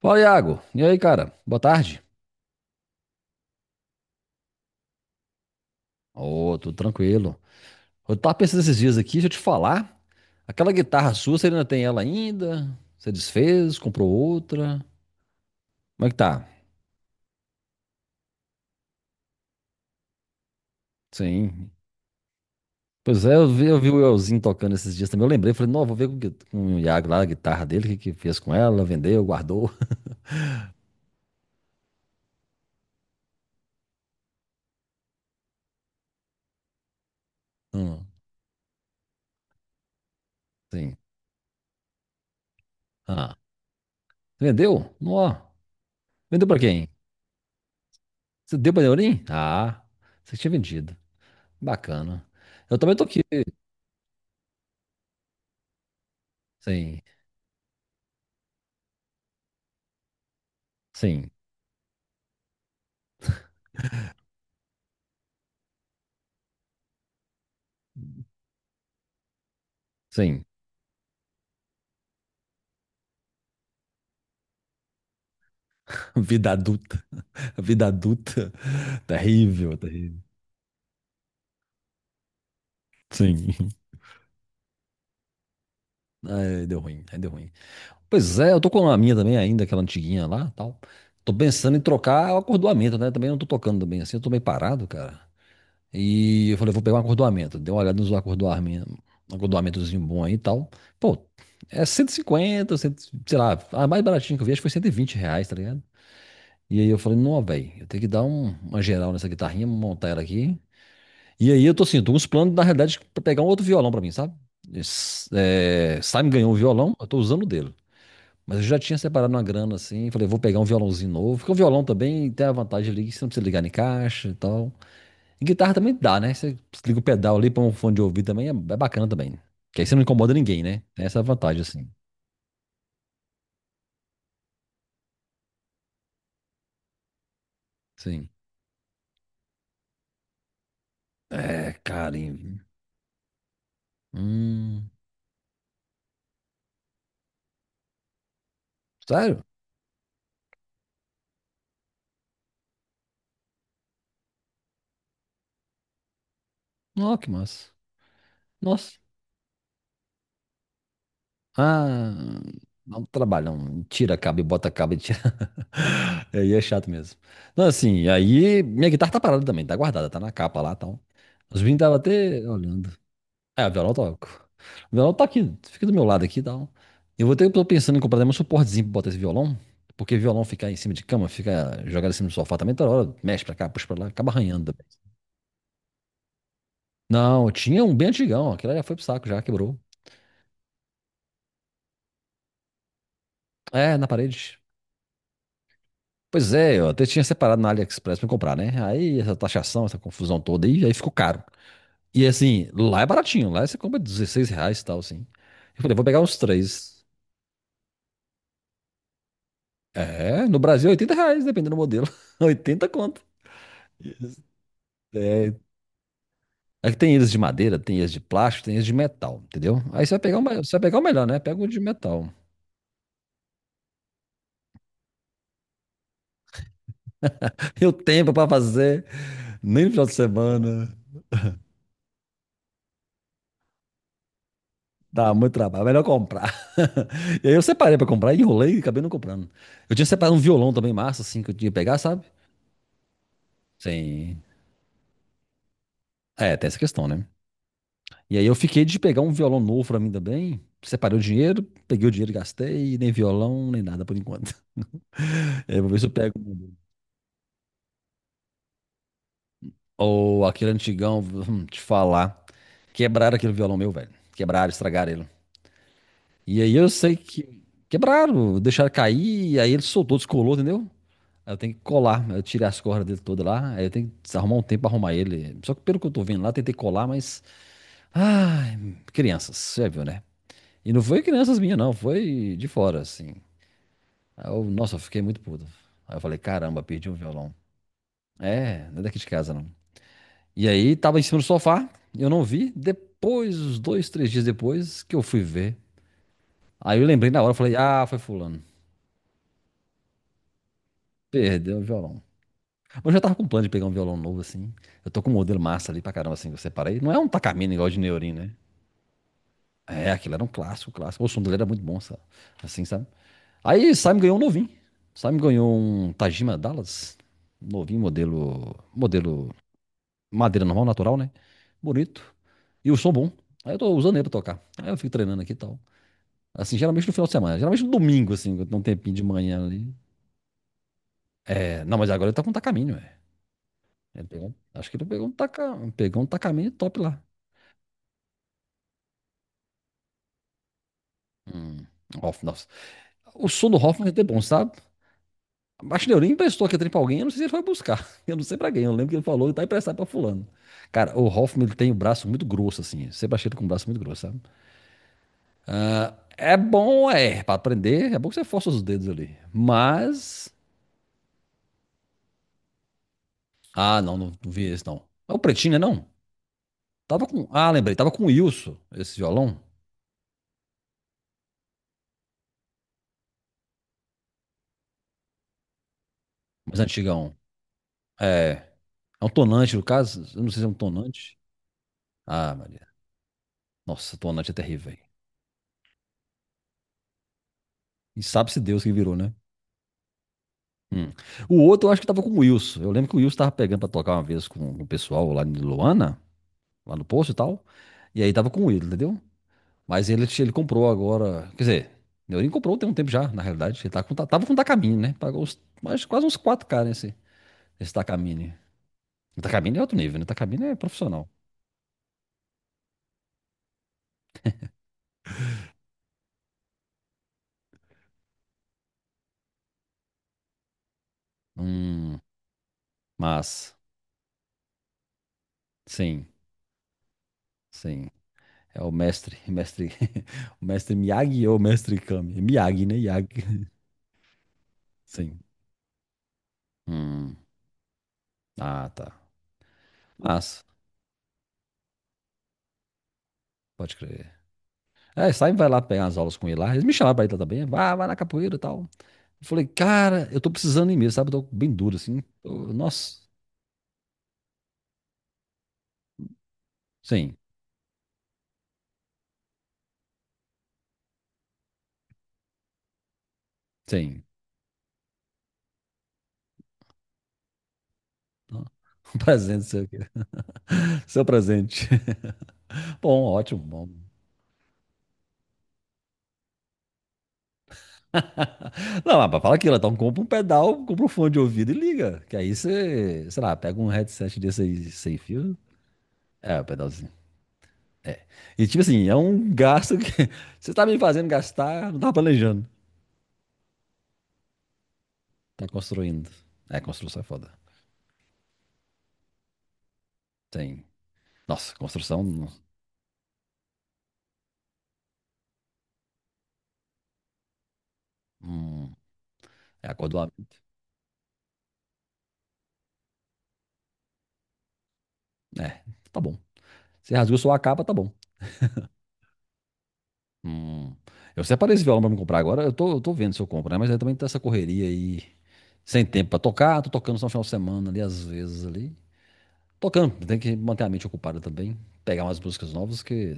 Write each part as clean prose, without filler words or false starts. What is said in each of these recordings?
Fala, Iago. E aí, cara? Boa tarde. Ô, tudo tranquilo. Eu tava pensando esses dias aqui, deixa eu te falar. Aquela guitarra sua, você ainda tem ela ainda? Você desfez, comprou outra? Como é que tá? Sim. Pois é, eu vi o Elzinho tocando esses dias também. Eu lembrei, falei, não, vou ver com o Iago lá, a guitarra dele, o que que fez com ela, vendeu, guardou. Hum, sim. Ah, vendeu? Não, vendeu pra quem? Você deu pra Neurim? Ah, você tinha vendido. Bacana. Eu também tô aqui. Sim, sim. Sim. Vida adulta. A vida adulta. Terrível, terrível. Sim. Aí deu ruim, aí deu ruim. Pois é, eu tô com a minha também ainda, aquela antiguinha lá, tal. Tô pensando em trocar o acordoamento, né? Também não tô tocando também assim, eu tô meio parado, cara. E eu falei, vou pegar um acordoamento. Dei uma olhada nos acordoamentos, acordoamentozinho bom aí e tal. Pô, é 150 100, sei lá, a mais baratinha que eu vi acho que foi R$ 120, tá ligado? E aí eu falei, não, velho, eu tenho que dar uma geral nessa guitarrinha, montar ela aqui. E aí eu tô assim, tô com uns planos, na realidade, pra pegar um outro violão pra mim, sabe? É, Simon ganhou um violão, eu tô usando o dele. Mas eu já tinha separado uma grana assim, falei, vou pegar um violãozinho novo. Porque o violão também tem a vantagem ali que você não precisa ligar em caixa e tal. E guitarra também dá, né? Você liga o pedal ali, põe um fone de ouvido também, é, é bacana também. Que aí você não incomoda ninguém, né? Tem essa vantagem assim. Sim. É, carinho. Hum, sério? Ó, que massa. Nossa. Ah, dá um trabalhão. Tira cabo e bota cabo e tira. Aí é chato mesmo. Não, assim, aí minha guitarra tá parada também, tá guardada, tá na capa lá e tal. Os meninos estavam até olhando. É, o violão eu toco. O violão tá aqui, fica do meu lado aqui e tal. Eu vou ter, tô pensando em comprar também um suportezinho pra botar esse violão, porque violão ficar em cima de cama, fica jogado em cima do sofá também, toda hora mexe pra cá, puxa pra lá, acaba arranhando também. Não, tinha um bem antigão, aquele já foi pro saco, já quebrou. É, na parede. Pois é, eu até tinha separado na AliExpress pra comprar, né? Aí essa taxação, essa confusão toda aí, aí ficou caro. E assim, lá é baratinho, lá você compra R$ 16 e tal, assim. Eu falei, vou pegar uns três. É, no Brasil é R$ 80, dependendo do modelo. 80 conto. Isso, É, é que tem eles de madeira, tem eles de plástico, tem eles de metal, entendeu? Aí você vai pegar o, você vai pegar o melhor, né? Pega o de metal. E o tempo pra fazer, nem no final de semana. Dá muito trabalho, é melhor comprar. E aí eu separei pra comprar, enrolei e acabei não comprando. Eu tinha separado um violão também massa, assim, que eu tinha que pegar, sabe? Sim. É, tem essa questão, né? E aí eu fiquei de pegar um violão novo pra mim também. Separei o dinheiro, peguei o dinheiro e gastei, e nem violão, nem nada por enquanto. Eu vou ver se eu pego. Ou aquele antigão, te falar. Quebraram aquele violão meu, velho. Quebraram, estragaram ele. E aí eu sei que. Quebraram, deixaram cair, e aí ele soltou, descolou, entendeu? Aí eu tenho que colar. Aí eu tirei as cordas dele toda lá. Aí eu tenho que arrumar um tempo pra arrumar ele. Só que pelo que eu tô vendo lá, tentei colar, mas. Ai, crianças, você já viu, né? E não foi crianças minhas, não. Foi de fora, assim. Aí eu, nossa, eu fiquei muito puto. Aí eu falei, caramba, perdi um violão. É, não é daqui de casa, não. E aí tava em cima do sofá, eu não vi. Depois, uns 2, 3 dias depois, que eu fui ver. Aí eu lembrei na hora, eu falei, ah, foi fulano. Perdeu o violão. Eu já tava com plano de pegar um violão novo, assim. Eu tô com um modelo massa ali pra caramba, assim, que eu separei. Não é um Takamine igual de Neurin, né? É, aquilo era um clássico, clássico. O som dele era muito bom, sabe? Assim, sabe? Aí Simon ganhou um novinho. Simon ganhou um Tajima Dallas. Novinho, modelo. Modelo Madeira normal, natural, né? Bonito. E o som bom. Aí eu tô usando ele pra tocar. Aí eu fico treinando aqui e tal. Assim, geralmente no final de semana. Geralmente no domingo, assim, quando tem um tempinho de manhã ali. É, não, mas agora ele tá com um tacaminho, é. Ele pegou, acho que ele pegou um taca, pegou um tacaminho top lá. Hum, Hoffman, nossa. O som do Hoffman é até bom, sabe? Acho que ele emprestou aquele trem pra alguém, eu não sei se ele foi buscar. Eu não sei pra quem, eu lembro que ele falou, e tá emprestado pra fulano. Cara, o Hoffman, ele tem o braço muito grosso, assim. Sempre achei ele com o braço muito grosso, sabe? Ah, é bom, é, pra aprender, é bom que você força os dedos ali. Mas. Ah, não, não, não vi esse não. É o pretinho, né? Não. Tava com. Ah, lembrei, tava com o Wilson, esse violão, mas antigão. É. É um tonante, no caso. Eu não sei se é um tonante. Ah, Maria. Nossa, tonante é terrível, velho. E sabe-se Deus que virou, né? Hum. O outro eu acho que tava com o Wilson. Eu lembro que o Wilson tava pegando pra tocar uma vez com o pessoal lá em Luana, lá no posto e tal. E aí tava com o Wilson, entendeu? Mas ele comprou agora. Quer dizer, ele comprou tem um tempo já, na realidade. Ele tava com um Takamine, né? Pagou uns, mais, quase uns 4K nesse Takamine. O Takamine é outro nível, né? O Takamine é profissional. Hum, mas, sim, sim. É o mestre, mestre. O mestre Miyagi ou o mestre Kami? É Miyagi, né? Miyagi. Sim. Hum, ah, tá. Mas, pode crer. É, sai vai lá pegar as aulas com ele lá. Eles me chamaram pra ir lá também. Vai, vai na capoeira e tal. Eu falei, cara, eu tô precisando ir mesmo, sabe? Eu tô bem duro, assim. Nossa, sim, sim. Um presente seu, seu presente. Bom, ótimo, bom. Não, mas fala aquilo, então compra um pedal, compra um fone de ouvido e liga. Que aí você, sei lá, pega um headset desse aí sem fio. É, o pedalzinho. É. E tipo assim, é um gasto que você tá me fazendo gastar, não tá planejando. Tá construindo. É, construção é foda. Tem. Nossa, construção. hum, É, acordou. É, tá bom. Você rasgou sua capa, tá bom. Hum. Eu separei esse violão pra me comprar agora. Eu tô vendo se eu compro, né? Mas aí também tá essa correria aí. Sem tempo pra tocar. Tô tocando só no final de semana ali, às vezes ali. Tocando, tem que manter a mente ocupada também. Pegar umas músicas novas que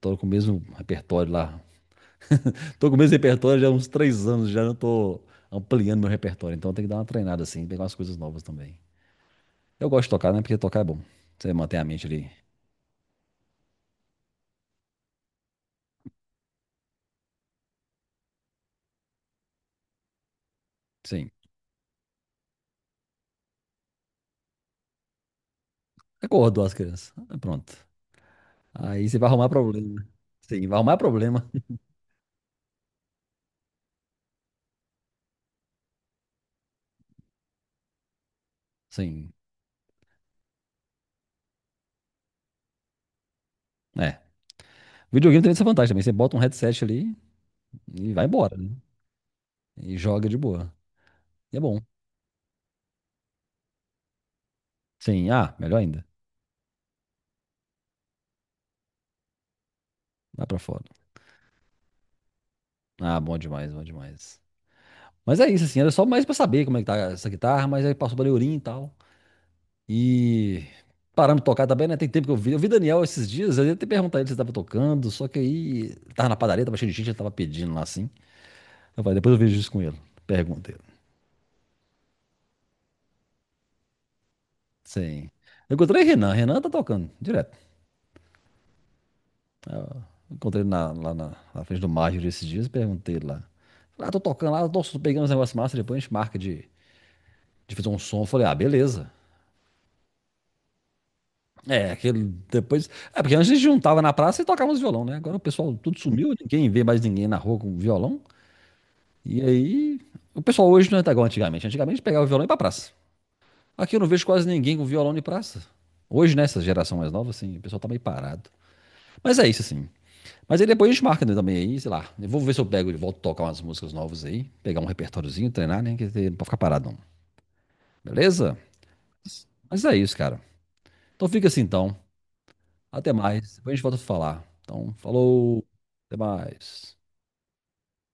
tô com o mesmo repertório lá. Tô com o mesmo repertório já há uns 3 anos, já não tô ampliando meu repertório. Então tem que dar uma treinada assim, pegar umas coisas novas também. Eu gosto de tocar, né? Porque tocar é bom. Você mantém a mente ali. Sim. Acordou as crianças. Ah, pronto. Aí você vai arrumar problema. Sim, vai arrumar problema. Sim. É. O videogame tem essa vantagem também. Você bota um headset ali e vai embora, né? E joga de boa. E é bom. Sim, ah, melhor ainda. Vai pra fora. Ah, bom demais, bom demais. Mas é isso, assim, era só mais pra saber como é que tá essa guitarra, mas aí passou pra Leorim e tal. E paramos de tocar também, né? Tem tempo que eu vi. Eu vi Daniel esses dias, eu ia até perguntar ele se ele tava tocando, só que aí tava na padaria, tava cheio de gente, ele tava pedindo lá assim. Eu falei, depois eu vejo isso com ele. Pergunta ele. Sim. Eu encontrei Renan, Renan tá tocando direto. Eu encontrei ele lá na frente do Major esses dias e perguntei ele lá. Falei, ah, tô tocando lá, nossa, tô pegando uns negócios massa, depois a gente marca de fazer um som. Eu falei, ah, beleza. É, aquele depois. É, porque antes a gente juntava na praça e tocávamos violão, né? Agora o pessoal tudo sumiu, ninguém vê mais ninguém na rua com violão. E aí. O pessoal hoje não é igual antigamente. Antigamente pegava o violão e ia pra praça. Aqui eu não vejo quase ninguém com violão em praça. Hoje, nessa geração mais nova, assim, o pessoal tá meio parado. Mas é isso, assim. Mas aí depois a gente marca né, também aí, sei lá. Eu vou ver se eu pego e volto a tocar umas músicas novas aí. Pegar um repertóriozinho, treinar, né? Que não pode ficar parado, não. Beleza? Mas é isso, cara. Então fica assim, então. Até mais. Depois a gente volta a falar. Então, falou. Até mais.